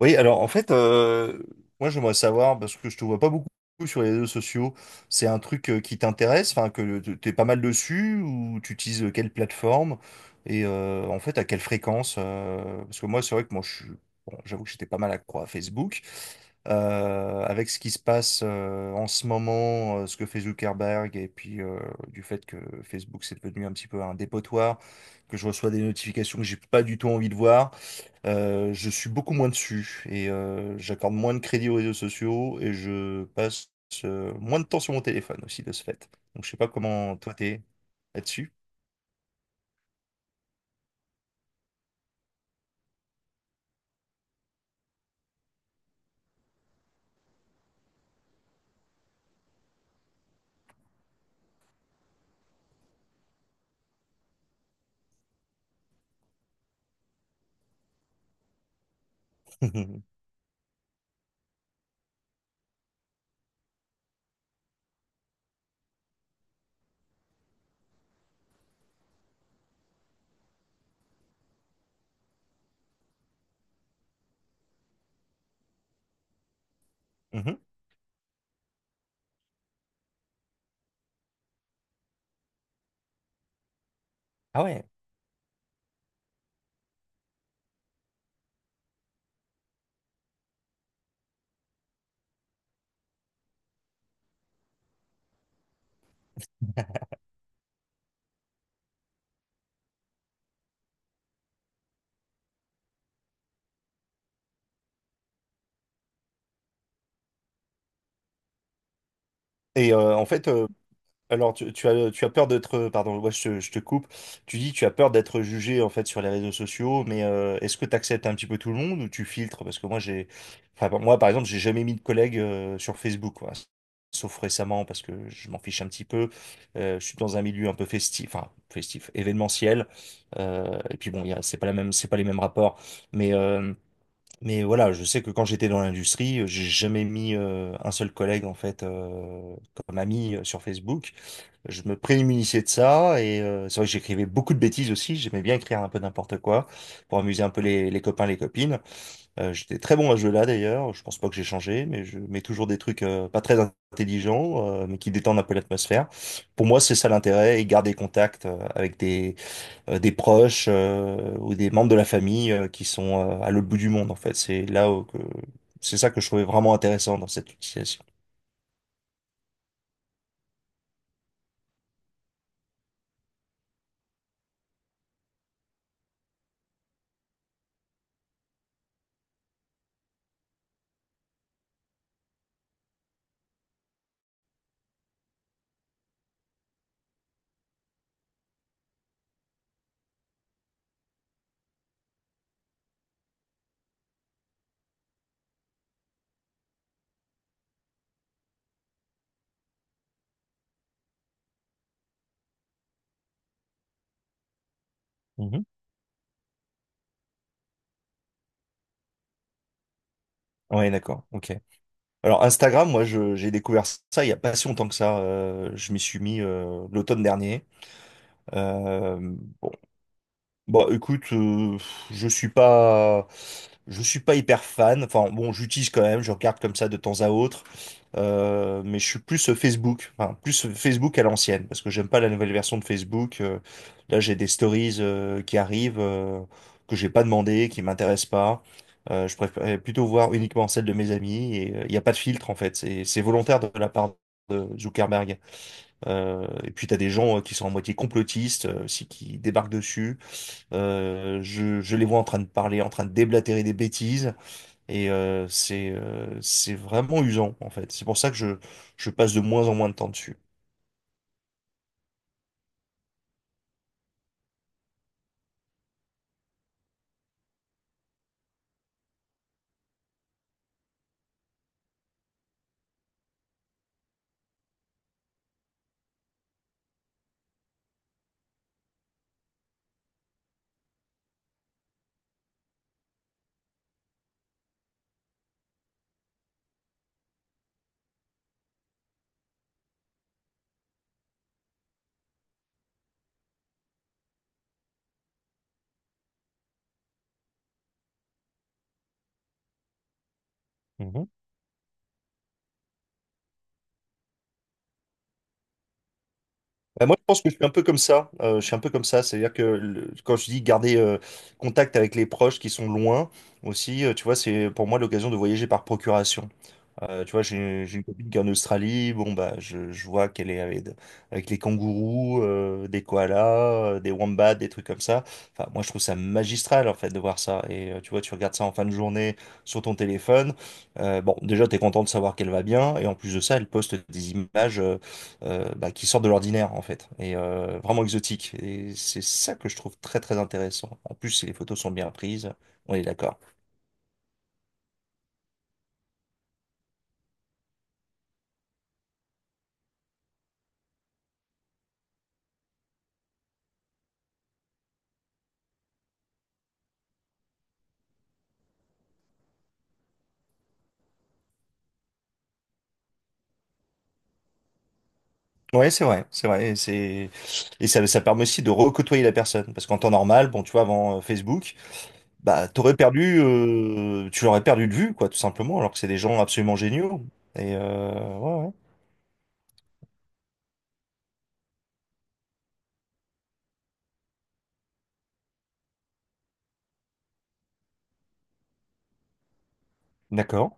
Oui, alors en fait, moi j'aimerais savoir, parce que je te vois pas beaucoup sur les réseaux sociaux, c'est un truc qui t'intéresse, enfin t'es pas mal dessus, ou tu utilises quelle plateforme, et en fait à quelle fréquence, parce que moi c'est vrai que moi je suis, bon, j'avoue que j'étais pas mal accro à Facebook, avec ce qui se passe en ce moment, ce que fait Zuckerberg, et puis du fait que Facebook c'est devenu un petit peu un dépotoir, que je reçois des notifications que j'ai pas du tout envie de voir. Je suis beaucoup moins dessus et j'accorde moins de crédit aux réseaux sociaux et je passe moins de temps sur mon téléphone aussi de ce fait. Donc je sais pas comment toi t'es là-dessus. Mhm. Ah ouais. Et en fait, alors, tu as peur d'être, pardon, ouais, je te coupe. Tu dis, tu as peur d'être jugé en fait sur les réseaux sociaux, mais est-ce que tu acceptes un petit peu tout le monde ou tu filtres? Parce que moi, j'ai, enfin, bon, moi, par exemple, j'ai jamais mis de collègues sur Facebook, quoi. Sauf récemment, parce que je m'en fiche un petit peu. Je suis dans un milieu un peu festif, enfin festif, événementiel. Et puis bon, c'est pas la même, c'est pas les mêmes rapports, mais euh, mais voilà, je sais que quand j'étais dans l'industrie, j'ai jamais mis un seul collègue en fait comme ami sur Facebook. Je me prémunissais de ça et c'est vrai que j'écrivais beaucoup de bêtises aussi. J'aimais bien écrire un peu n'importe quoi pour amuser un peu les copains, les copines. J'étais très bon à ce jeu-là d'ailleurs. Je pense pas que j'ai changé, mais je mets toujours des trucs pas très intelligents, mais qui détendent un peu l'atmosphère. Pour moi, c'est ça l'intérêt et garder contact avec des proches ou des membres de la famille qui sont à l'autre bout du monde en fait. C'est là où que c'est ça que je trouvais vraiment intéressant dans cette utilisation. Mhm. Ouais, d'accord. Ok. Alors Instagram, moi j'ai découvert ça il y a pas si longtemps que ça. Je m'y suis mis l'automne dernier. Euh, bon, bah écoute, je suis pas, je suis pas hyper fan. Enfin bon, j'utilise quand même, je regarde comme ça de temps à autre. Mais je suis plus Facebook, enfin plus Facebook à l'ancienne, parce que j'aime pas la nouvelle version de Facebook. Là, j'ai des stories qui arrivent que j'ai pas demandé, qui m'intéressent pas. Je préfère plutôt voir uniquement celles de mes amis et il n'y a pas de filtre en fait. C'est volontaire de la part de Zuckerberg. Et puis t'as des gens qui sont à moitié complotistes, aussi, qui débarquent dessus. Je les vois en train de parler, en train de déblatérer des bêtises, et c'est vraiment usant en fait. C'est pour ça que je passe de moins en moins de temps dessus. Mhm. Bah, moi, je pense que je suis un peu comme ça. Je suis un peu comme ça, c'est-à-dire que quand je dis garder contact avec les proches qui sont loin aussi, tu vois, c'est pour moi l'occasion de voyager par procuration. Tu vois, j'ai une copine qui est en Australie. Bon, bah, je vois qu'elle est avec les kangourous, des koalas, des wombats, des trucs comme ça. Enfin, moi, je trouve ça magistral, en fait, de voir ça. Et tu vois, tu regardes ça en fin de journée sur ton téléphone. Bon, déjà, t'es content de savoir qu'elle va bien. Et en plus de ça, elle poste des images bah, qui sortent de l'ordinaire, en fait. Et vraiment exotiques. Et c'est ça que je trouve très, très intéressant. En plus, si les photos sont bien prises, on est d'accord. Ouais, c'est vrai, et ça permet aussi de recôtoyer la personne, parce qu'en temps normal, bon, tu vois, avant Facebook, bah, tu l'aurais perdu de vue, quoi, tout simplement, alors que c'est des gens absolument géniaux. Et ouais, ouais. D'accord.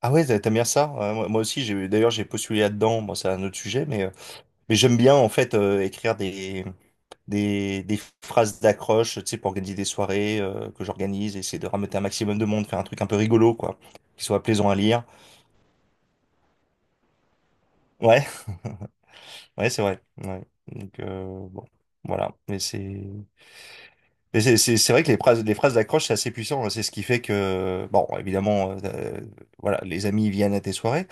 Ah ouais, t'aimes bien ça. Ouais, moi, moi aussi, j'ai d'ailleurs j'ai postulé là-dedans. Bon, c'est un autre sujet, mais j'aime bien en fait écrire des phrases d'accroche, tu sais, pour organiser des soirées que j'organise, essayer de ramener un maximum de monde, faire un truc un peu rigolo, quoi, qui soit plaisant à lire. Ouais. Ouais, c'est vrai. Ouais. Donc, bon, voilà. Mais c'est vrai que les phrases d'accroche, c'est assez puissant, hein. C'est ce qui fait que, bon, évidemment, voilà, les amis viennent à tes soirées,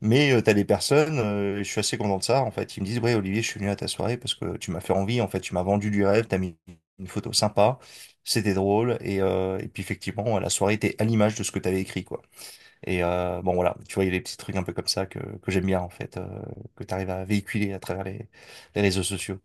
mais t'as des personnes, je suis assez content de ça, en fait. Ils me disent, ouais, Olivier, je suis venu à ta soirée parce que tu m'as fait envie, en fait, tu m'as vendu du rêve, t'as mis une photo sympa, c'était drôle, et puis effectivement, la soirée était à l'image de ce que t'avais écrit, quoi. Et bon, voilà, tu vois, il y a des petits trucs un peu comme ça que j'aime bien, en fait, que tu arrives à véhiculer à travers les réseaux sociaux.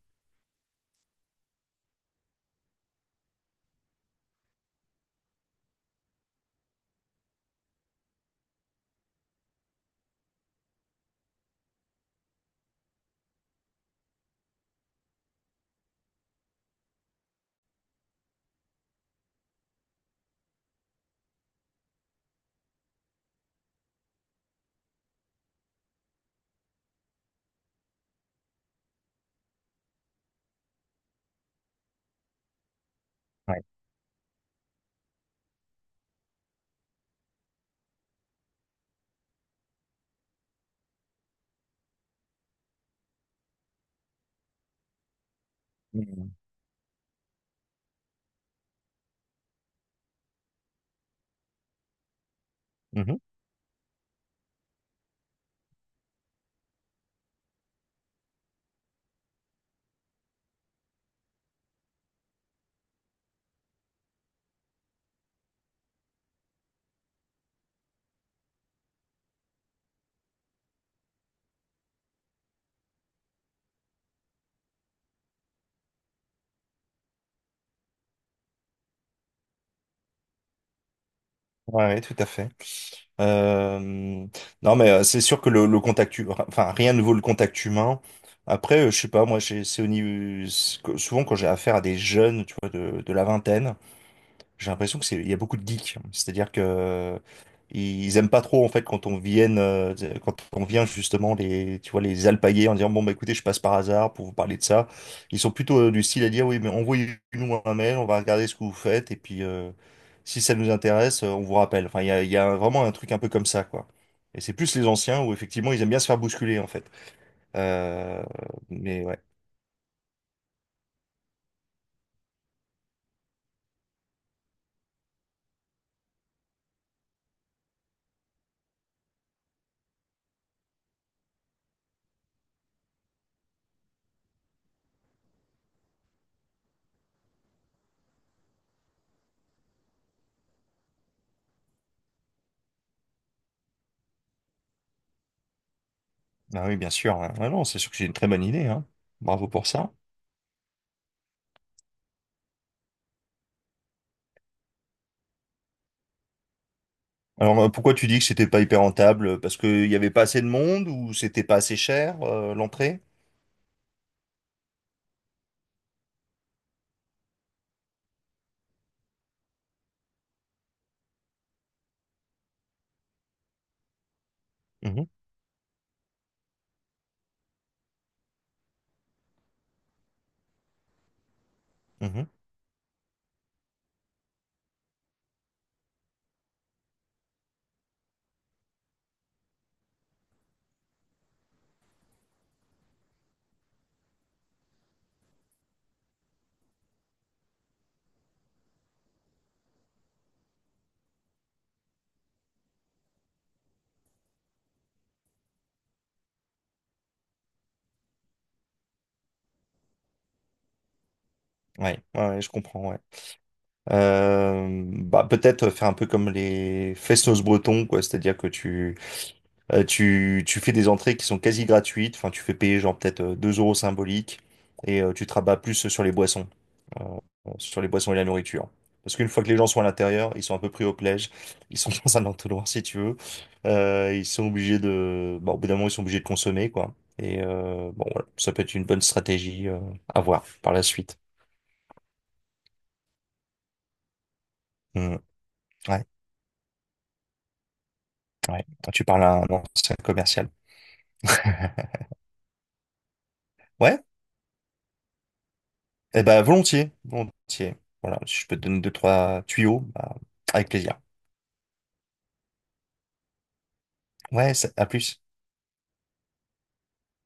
Ouais. Mhm. Mhm. Ouais, ouais, tout à fait. Euh, non, mais c'est sûr que le contact, enfin, rien ne vaut le contact humain. Après, je sais pas, moi, souvent quand j'ai affaire à des jeunes, tu vois, de la vingtaine. J'ai l'impression que il y a beaucoup de geeks. C'est-à-dire que ils aiment pas trop en fait quand on vienne, quand on vient justement les, tu vois, les alpaguer en disant bon bah écoutez, je passe par hasard pour vous parler de ça. Ils sont plutôt du style à dire oui mais envoyez-nous un mail, on va regarder ce que vous faites et puis si ça nous intéresse, on vous rappelle. Enfin il y a vraiment un truc un peu comme ça quoi. Et c'est plus les anciens où effectivement ils aiment bien se faire bousculer en fait. Euh, mais ouais, ah oui bien sûr, hein. Ah non, c'est sûr que j'ai une très bonne idée, hein. Bravo pour ça. Alors, pourquoi tu dis que c'était pas hyper rentable? Parce qu'il n'y avait pas assez de monde ou c'était pas assez cher, l'entrée? Mhm, mhm. Ouais, ouais, ouais, je comprends, ouais. Bah, peut-être faire un peu comme les festos bretons, quoi. C'est-à-dire que tu, tu fais des entrées qui sont quasi gratuites, enfin tu fais payer genre peut-être 2 euros symboliques et tu te rabats plus euh, sur les boissons et la nourriture. Parce qu'une fois que les gens sont à l'intérieur, ils sont un peu pris au piège, ils sont dans un entonnoir si tu veux. Ils sont obligés de, bah, au bout d'un moment ils sont obligés de consommer quoi. Et bon voilà, ça peut être une bonne stratégie à voir par la suite. Hmm. Ouais, ouais. Quand tu parles à un ancien commercial. Ouais. Eh ben, volontiers, volontiers. Voilà, si je peux te donner deux, trois tuyaux, bah, avec plaisir. Ouais, ça- à plus.